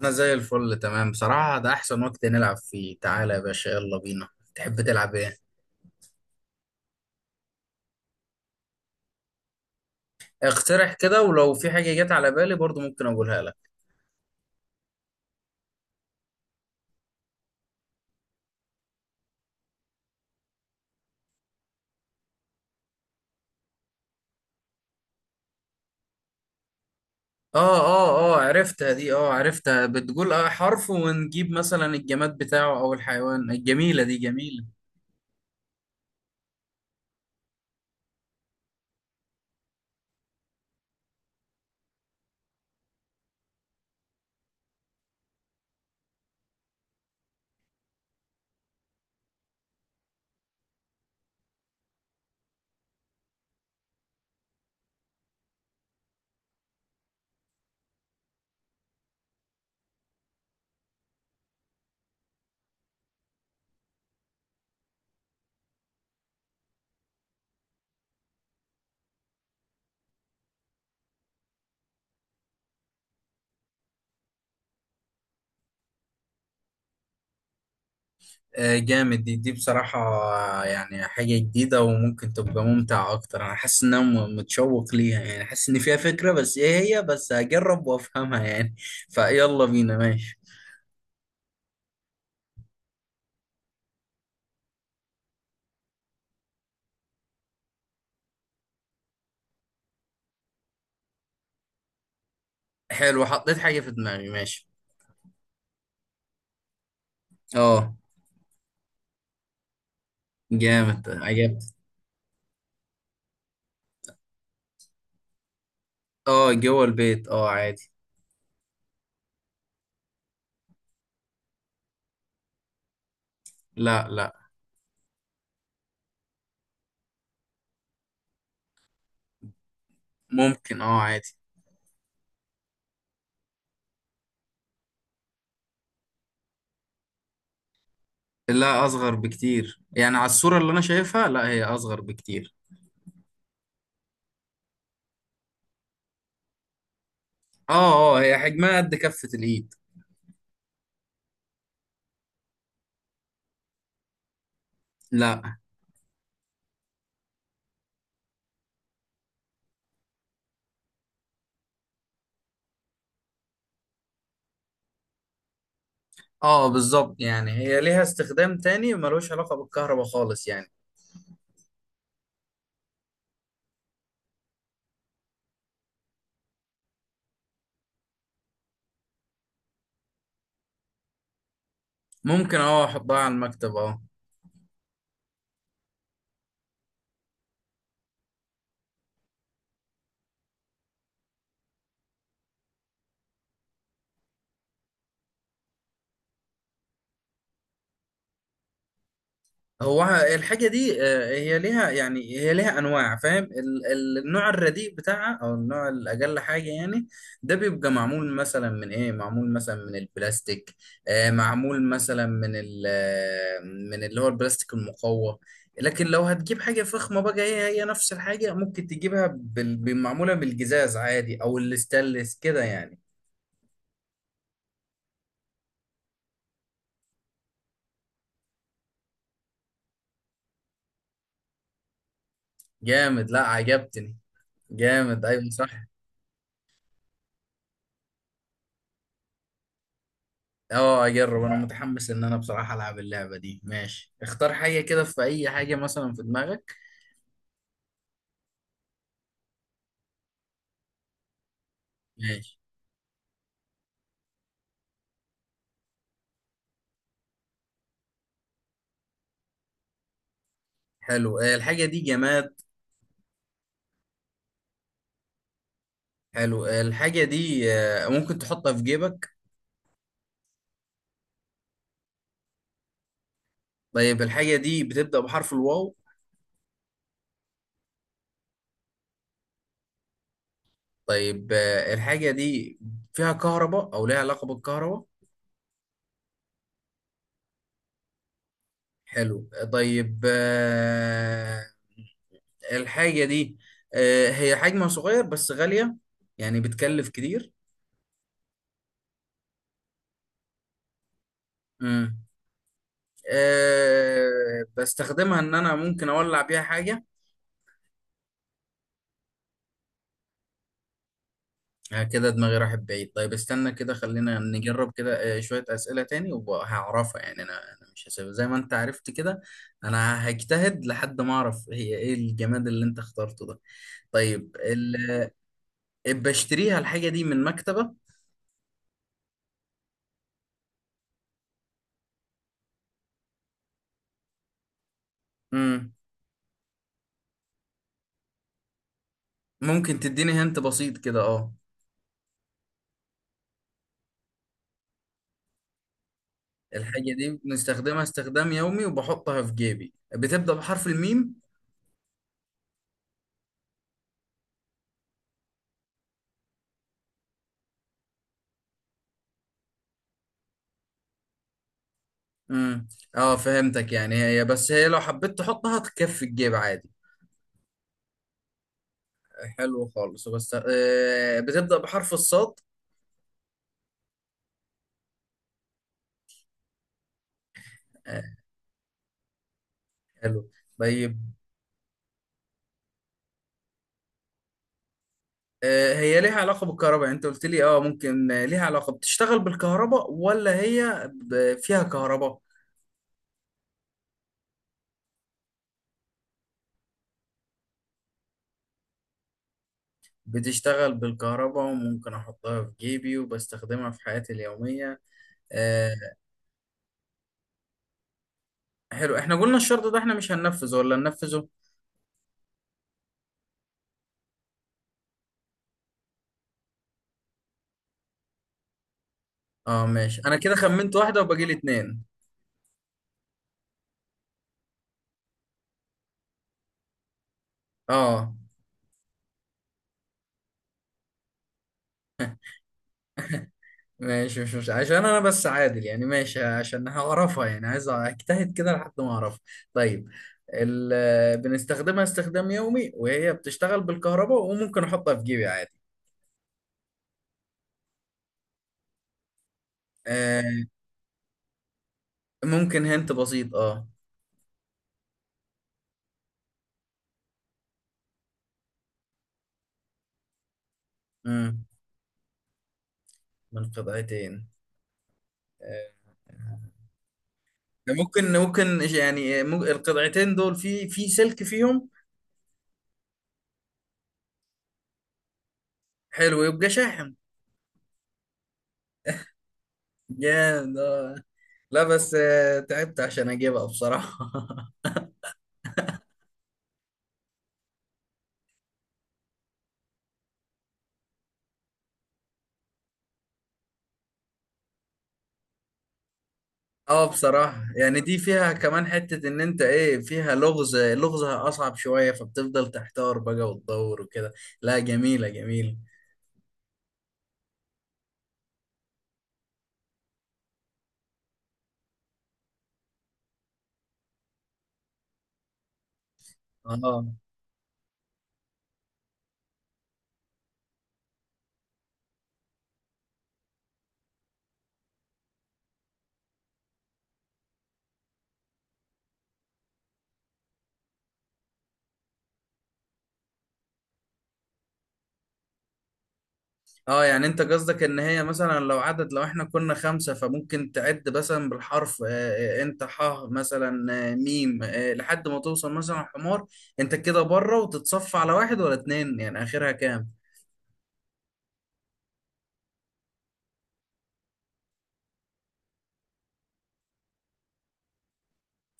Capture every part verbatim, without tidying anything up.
انا زي الفل تمام، بصراحة ده احسن وقت نلعب فيه. تعالى يا باشا، يلا بينا. تحب تلعب ايه؟ اقترح كده ولو في حاجة جت على بالي برضو ممكن اقولها لك. اه اه اه، عرفتها دي. اه عرفتها، بتقول اه حرف ونجيب مثلا الجماد بتاعه او الحيوان. الجميلة دي، جميلة. آه جامد. دي دي بصراحة، آه، يعني حاجة جديدة وممكن تبقى ممتعة اكتر. انا حاسس ان انا م- متشوق ليها، يعني حاسس ان فيها فكرة، بس ايه هي؟ بس هجرب وافهمها يعني. فيلا بينا، ماشي. حلو، حطيت حاجة في دماغي، ماشي. اه جامد، عجبت. اه جوه البيت، اه عادي. لا لا. ممكن، اه عادي. لا أصغر بكتير، يعني على الصورة اللي أنا شايفها لا، هي أصغر بكتير. اه اه، هي حجمها قد كفة الإيد. لا. اه بالظبط، يعني هي ليها استخدام تاني ملوش علاقة بالكهرباء خالص يعني. ممكن، اه أحطها على المكتب اه. هو الحاجة دي، آه، هي ليها، يعني هي ليها أنواع. فاهم ال- ال- النوع الرديء بتاعها أو النوع الأقل حاجة يعني، ده بيبقى معمول مثلا من إيه؟ معمول مثلا من البلاستيك، آه، معمول مثلا من ال آه، من اللي هو البلاستيك المقوى. لكن لو هتجيب حاجة فخمة بقى، هي هي نفس الحاجة ممكن تجيبها بال- بالمعمولة بالجزاز عادي أو الستانلس كده يعني. جامد، لا عجبتني. جامد أيوة صح. اه اجرب انا، متحمس ان انا بصراحة العب اللعبة دي. ماشي، اختار حاجة كده، في اي حاجة مثلا في دماغك. ماشي. حلو، آه، الحاجة دي جماد. حلو، آه، الحاجة دي آه، ممكن تحطها في جيبك؟ طيب الحاجة دي بتبدأ بحرف الواو؟ طيب، آه، الحاجة دي فيها كهرباء او ليها علاقة بالكهرباء؟ حلو، آه، طيب آه، الحاجة دي، آه، هي حجمها صغير بس غالية، يعني بتكلف كتير؟ مم. أه بستخدمها ان انا ممكن اولع بيها حاجه؟ آه، كده دماغي راحت بعيد. طيب استنى كده، خلينا نجرب كده آه، شويه اسئله تاني وهعرفها يعني انا. انا مش هسيب زي ما انت عرفت كده، انا هجتهد لحد ما اعرف هي ايه الجماد اللي انت اخترته ده. طيب ال... بشتريها الحاجه دي من مكتبه؟ مم. ممكن تديني هنت بسيط كده، اه. الحاجه دي بنستخدمها استخدام يومي وبحطها في جيبي، بتبدا بحرف الميم؟ امم. اه فهمتك، يعني هي بس هي لو حبيت تحطها تكفي الجيب عادي. حلو خالص. بس آه، بتبدأ بحرف الصاد؟ آه حلو. طيب، آه هي ليها علاقة بالكهرباء؟ يعني انت قلت لي اه ممكن آه، ليها علاقة بتشتغل بالكهرباء، ولا هي ب- فيها كهرباء؟ بتشتغل بالكهرباء وممكن احطها في جيبي وبستخدمها في حياتي اليومية. آه حلو، احنا قلنا الشرط ده احنا مش هننفذه ولا ننفذه؟ اه ماشي، انا كده خمنت واحدة وباجي لي اتنين. اه ماشي، مش مش عشان انا بس، عادل يعني ماشي، عشان هعرفها يعني، عايز اجتهد كده لحد ما اعرفها. طيب ال- بنستخدمها استخدام يومي وهي بتشتغل بالكهرباء وممكن احطها في جيبي عادي. آه ممكن هنت بسيط، اه. مم. من قطعتين؟ آه ممكن ممكن. يعني مم- القطعتين دول في في سلك فيهم؟ حلو، يبقى شاحن. جامد. آه. لا بس آه، تعبت عشان اجيبها بصراحة. اه بصراحة يعني دي فيها كمان حتة ان انت ايه، فيها لغز، لغزها اصعب شوية، فبتفضل تحتار بقى وتدور وكده. لا جميلة جميلة. اه اه، يعني انت قصدك ان هي مثلا لو عدد، لو احنا كنا خمسة، فممكن تعد مثلا بالحرف، آه آه، انت ح مثلا، آه ميم آه، لحد ما توصل مثلا حمار. انت كده بره، وتتصفى على واحد ولا اتنين، يعني اخرها كام؟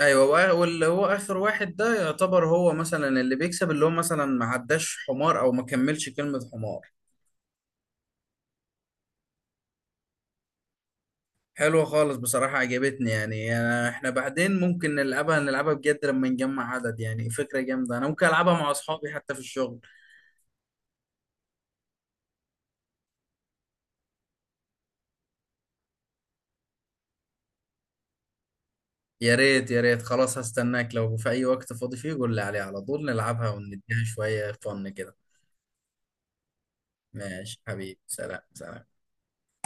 ايوه. وآ- واللي هو اخر واحد ده يعتبر هو مثلا اللي بيكسب، اللي هو مثلا ما عداش حمار او ما كملش كلمة حمار. حلوة خالص بصراحة، عجبتني يعني أنا. احنا بعدين ممكن نلعبها نلعبها بجد لما نجمع عدد، يعني فكرة جامدة، انا ممكن العبها مع اصحابي حتى في الشغل. يا ريت يا ريت، خلاص هستناك، لو في اي وقت فاضي فيه قول لي عليه على طول نلعبها ونديها شوية فن كده. ماشي حبيبي، سلام سلام.